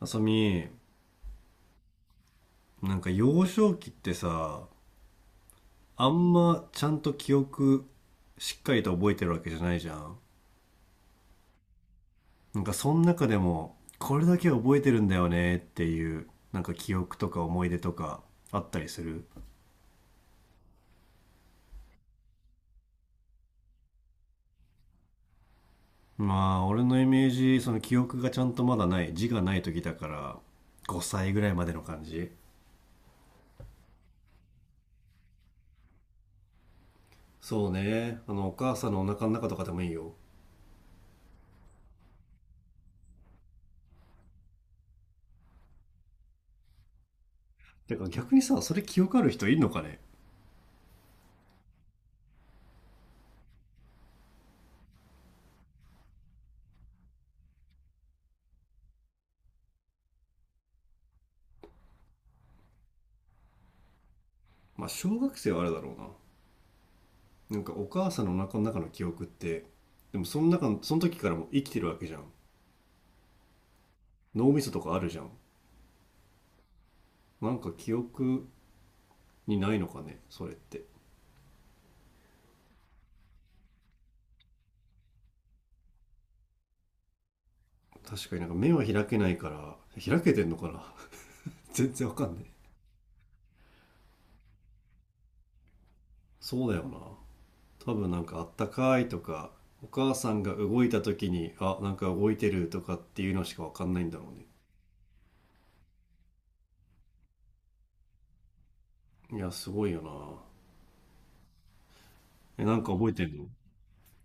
あさみ、なんか幼少期ってさ、あんまちゃんと記憶しっかりと覚えてるわけじゃないじゃん。なんかその中でも、これだけ覚えてるんだよねっていう、なんか記憶とか思い出とかあったりする？まあ、俺のイメージ、その記憶がちゃんとまだない、字がない時だから、5歳ぐらいまでの感じ。そうね。あの、お母さんのお腹の中とかでもいいよ。てか逆にさ、それ記憶ある人いるのかね？まあ、小学生はあれだろうな。なんかお母さんのお腹の中の記憶って、でもその中のその時からも生きてるわけじゃん。脳みそとかあるじゃん。なんか記憶にないのかねそれって？確かになんか目は開けないから、開けてんのかな？ 全然わかんない。そうだよな。多分なんかあったかいとか、お母さんが動いた時になんか動いてるとかっていうのしかわかんないんだろうね。いやすごいよな。なんか覚えてんの？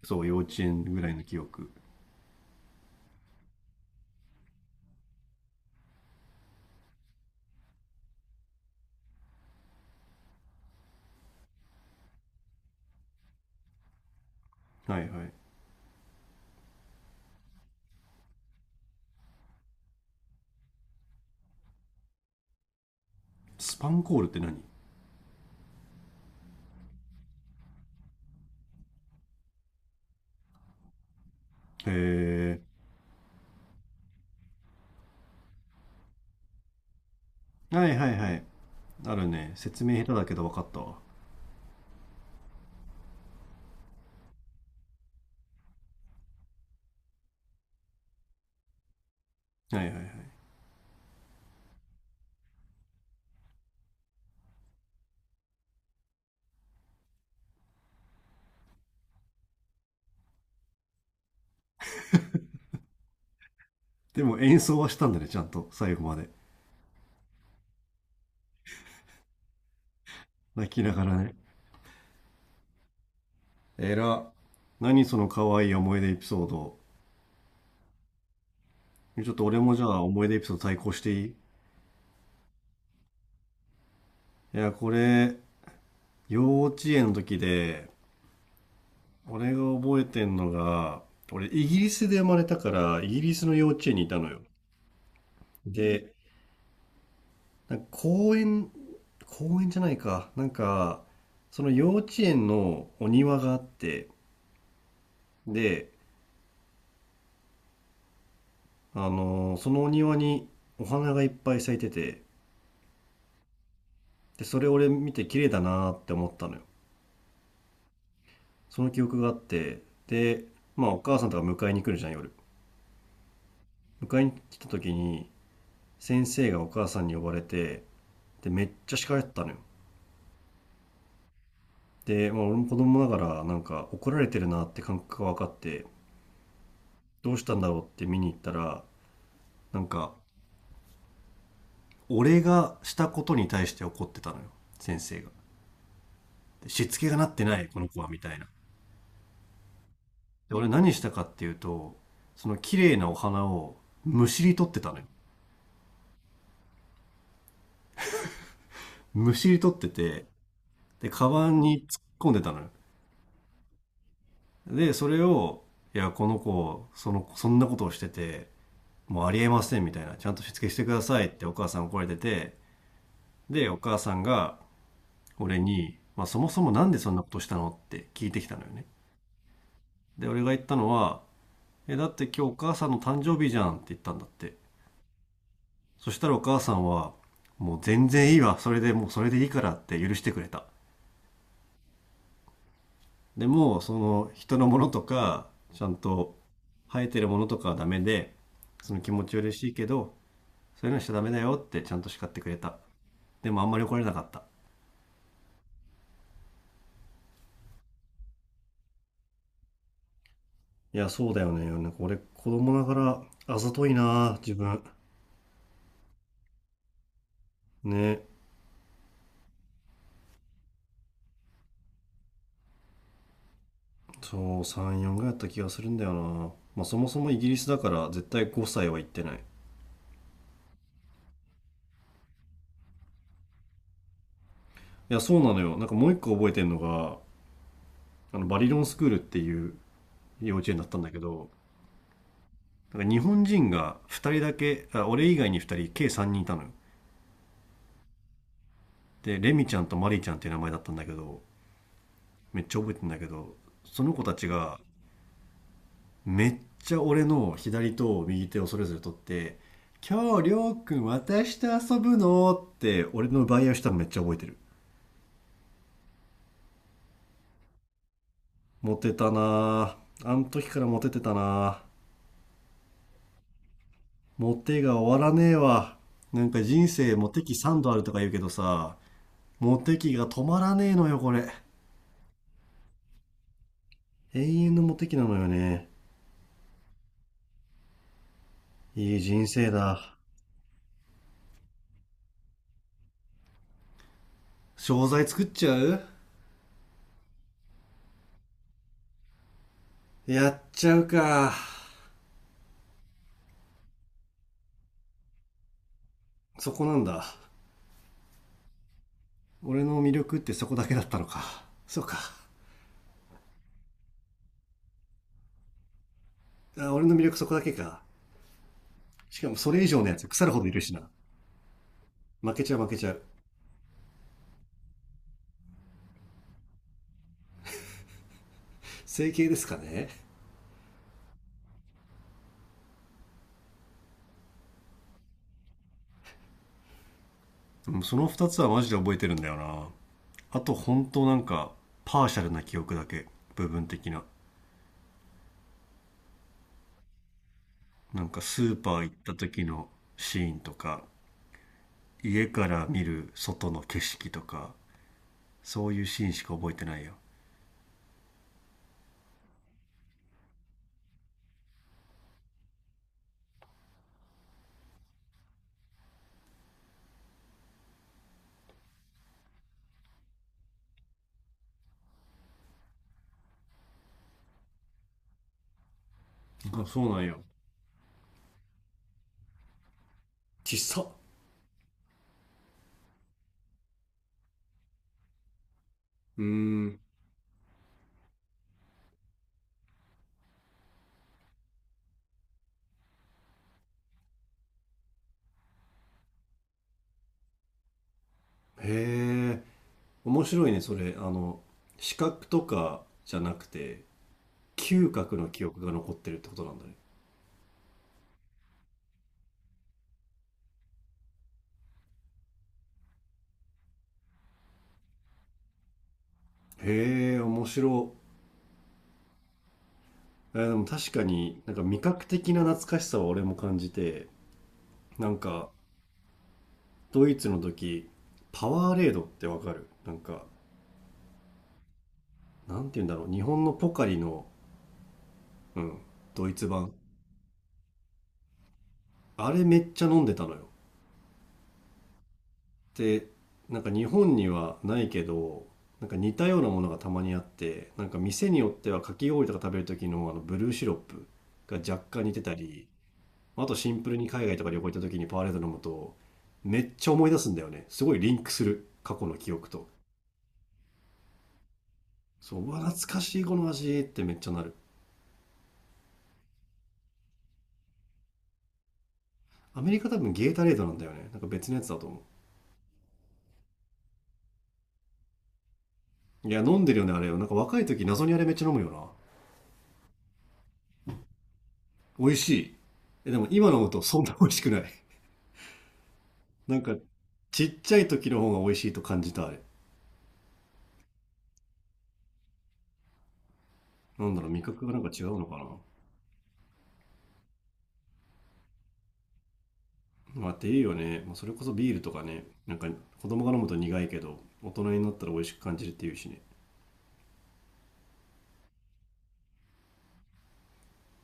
そう、幼稚園ぐらいの記憶。はいはい。スパンコールって何？へえ。はいはいはい。あるね。説明下手だけど分かったわ。はいはいはい。でも演奏はしたんだね、ちゃんと。最後まで。泣きながらね。えら。何その可愛い思い出エピソード。ちょっと俺もじゃあ思い出エピソード対抗していいい？や、これ、幼稚園の時で、俺が覚えてんのが、俺イギリスで生まれたから、イギリスの幼稚園にいたのよ。で、なんか公園、公園じゃないか。なんか、その幼稚園のお庭があって、で、そのお庭にお花がいっぱい咲いてて、で、それ俺見て綺麗だなーって思ったのよ。その記憶があって、で、まあお母さんとか迎えに来るじゃん、夜。迎えに来た時に、先生がお母さんに呼ばれて、で、めっちゃ叱られてたのよ。で、まあ、俺も子供ながら、なんか怒られてるなって感覚が分かって、どうしたんだろうって見に行ったら、なんか、俺がしたことに対して怒ってたのよ、先生が。でしつけがなってない、この子は、みたいな。で俺何したかっていうと、その綺麗なお花をむしり取ってたのよ。むしり取ってて、でカバンに突っ込んでたのよ。でそれを、いやこの子そんなことをしてて、もうありえませんみたいな、ちゃんとしつけしてくださいってお母さん怒られてて、でお母さんが俺に、まあ、そもそもなんでそんなことしたのって聞いてきたのよね。で俺が言ったのは「えだって今日お母さんの誕生日じゃん」って言ったんだって。そしたらお母さんは、もう全然いいわ。それでもうそれでいいからって許してくれた。でも、その人のものとか、ちゃんと生えてるものとかはダメで、その気持ち嬉しいけど、そういうのしちゃダメだよってちゃんと叱ってくれた。でもあんまり怒れなかった。いや、そうだよね。なんか俺、子供ながらあざといな、自分。ね。そう、3、4ぐらいだった気がするんだよな。まあそもそもイギリスだから絶対5歳は行ってない。いや、そうなのよ。なんかもう一個覚えてるのが、あのバリロンスクールっていう幼稚園だったんだけど、なんか日本人が2人だけ、あ、俺以外に2人計3人いたのよ。でレミちゃんとマリちゃんっていう名前だったんだけど、めっちゃ覚えてんだけど、その子たちがめっちゃ俺の左と右手をそれぞれ取って「今日りょうくん私と遊ぶの？」って俺の奪い合いをしたのめっちゃ覚えてる。モテたな。あの時からモテてたなぁ。モテが終わらねえわ。なんか人生モテ期3度あるとか言うけどさ、モテ期が止まらねえのよ、これ。永遠のモテ期なのよね。いい人生だ。商材作っちゃう？やっちゃうか。そこなんだ。俺の魅力ってそこだけだったのか。そうか。俺の魅力そこだけか。しかもそれ以上のやつ腐るほどいるしな。負けちゃう負けちゃう。整形ですかね？うん、その二つはマジで覚えてるんだよな。あと本当なんか、パーシャルな記憶だけ。部分的な。なんかスーパー行った時のシーンとか、家から見る外の景色とか、そういうシーンしか覚えてないよ。あ、そうなんや。ちっさ。うーん。へえ。面白いね、それ。あの、視覚とかじゃなくて、嗅覚の記憶が残ってるってことなんだね。へえ、面白い。でも確かになんか味覚的な懐かしさは俺も感じて、なんか、ドイツの時、パワーレードってわかる？なんか、なんて言うんだろう。日本のポカリの、うん、ドイツ版。あれめっちゃ飲んでたのよ。で、なんか日本にはないけど、なんか似たようなものがたまにあって、なんか店によってはかき氷とか食べる時のあのブルーシロップが若干似てたり、あとシンプルに海外とか旅行行った時にパワーレード飲むと、めっちゃ思い出すんだよね。すごいリンクする。過去の記憶と。そう、うわ、懐かしいこの味ってめっちゃなる。アメリカ多分ゲータレードなんだよね。なんか別のやつだと思う。いや、飲んでるよね、あれよ。なんか若い時謎にあれめっちゃ飲むよな。美味しい。でも今飲むとそんな美味しくない。なんか、ちっちゃい時の方が美味しいと感じた、あれ。なんだろう、味覚がなんか違うのかな。まあ、っていうよね。まあ、それこそビールとかね、なんか子供が飲むと苦いけど、大人になったら美味しく感じるっていうしね。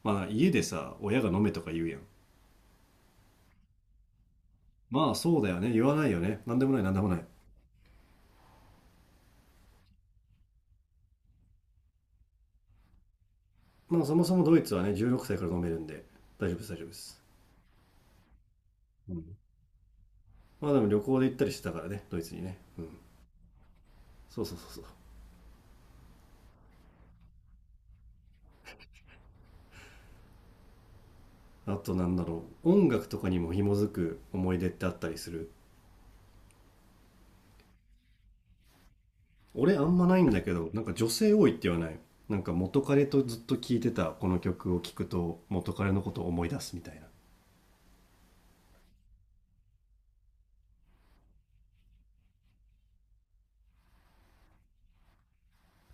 まあ、家でさ、親が飲めとか言うやん。まあ、そうだよね。言わないよね。なんでもない、なんでもない。まあ、そもそもドイツはね、16歳から飲めるんで、大丈夫です、大丈夫です。うん。まあ、でも旅行で行ったりしてたからね、ドイツにね。うん。そうそうそうそう。あとなんだろう、音楽とかにも紐づく思い出ってあったりする？俺あんまないんだけどなんか女性多いって言わない？なんか元彼とずっと聴いてたこの曲を聴くと元彼のことを思い出すみたいな。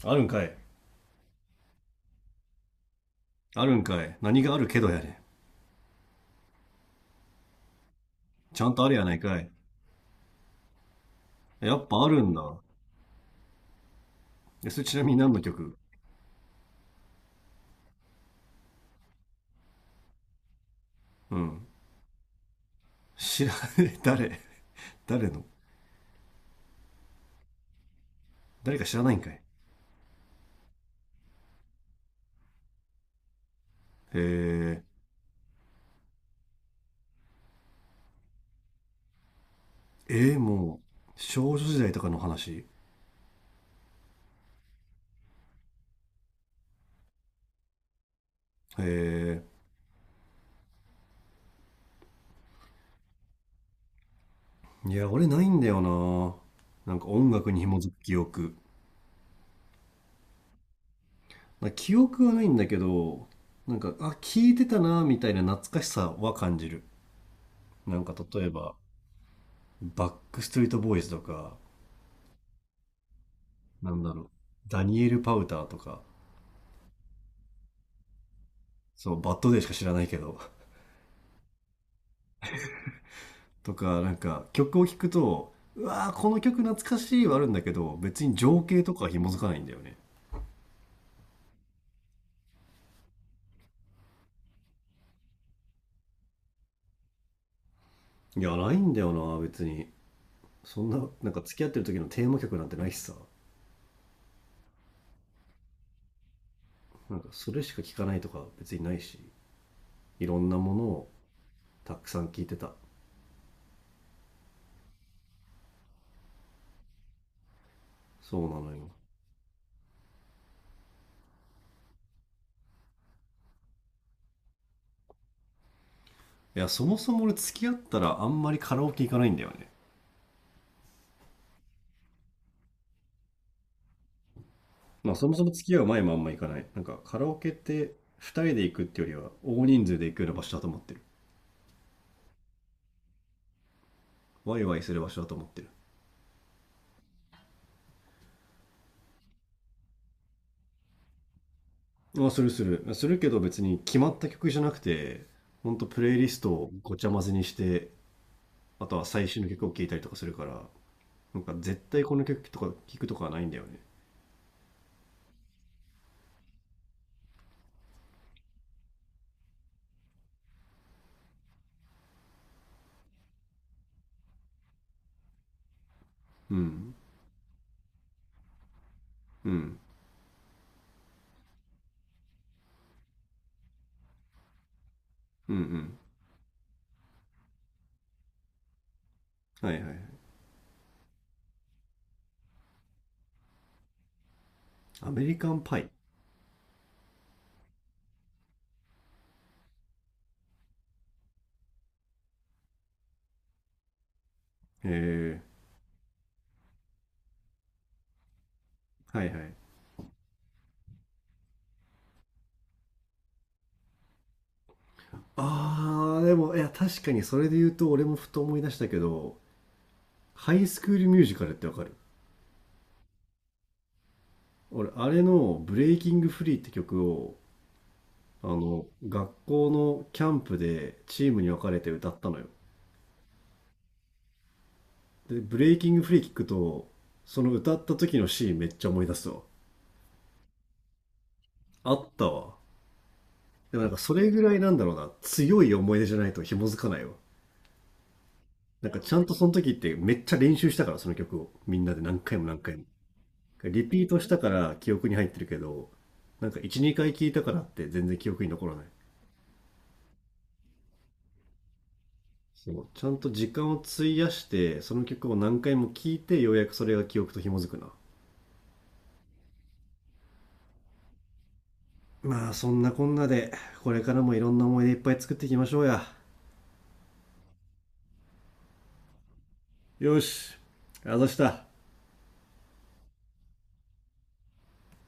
あるんかい。あるんかい、何があるけどやねん。ちゃんとあるやないかい。やっぱあるんだ。それちなみに何の曲？うん。知らない。 誰？誰の？誰か知らないんかい。へえ。もう少女時代とかの話？へえ。いや俺ないんだよな、なんか音楽に紐づく記憶。まあ記憶はないんだけど、なんか、あ、聞いてたな、みたいな懐かしさは感じる。なんか、例えば、バックストリートボーイズとか、なんだろう、ダニエル・パウターとか、そう、バッドデーしか知らないけど、とか、なんか、曲を聴くと、うわー、この曲懐かしいはあるんだけど、別に情景とかは紐づかないんだよね。いや、ないんだよな、別に。そんな、なんか付き合ってる時のテーマ曲なんてないしさ。なんか、それしか聴かないとか別にないし、いろんなものをたくさん聴いてた。そうなのよ。いや、そもそも俺付き合ったらあんまりカラオケ行かないんだよね。まあそもそも付き合う前もあんま行かない。なんかカラオケって2人で行くってよりは大人数で行くような場所だと思ってる。ワイワイする場所だと思ってる。まあするする。するけど別に決まった曲じゃなくて、ほんとプレイリストをごちゃ混ぜにして、あとは最新の曲を聴いたりとかするから、なんか絶対この曲とか聴くとかはないんだよね。うん。うん。うんうん。はいはいはい。アメリカンパイ。へえ。はいはい。でもいや確かにそれで言うと俺もふと思い出したけどハイスクールミュージカルってわかる？俺あれの「ブレイキングフリー」って曲をあの学校のキャンプでチームに分かれて歌ったのよ。で「ブレイキングフリー」聞くとその歌った時のシーンめっちゃ思い出すわ。あったわ。でもなんかそれぐらいなんだろうな、強い思い出じゃないと紐づかないわ。なんかちゃんとその時ってめっちゃ練習したからその曲をみんなで何回も何回もリピートしたから記憶に入ってるけど、なんか1、2回聞いたからって全然記憶に残らない。そう、ちゃんと時間を費やして、その曲を何回も聴いて、ようやくそれが記憶と紐づくな。まあ、そんなこんなで、これからもいろんな思い出いっぱい作っていきましょうや。よし、あざした。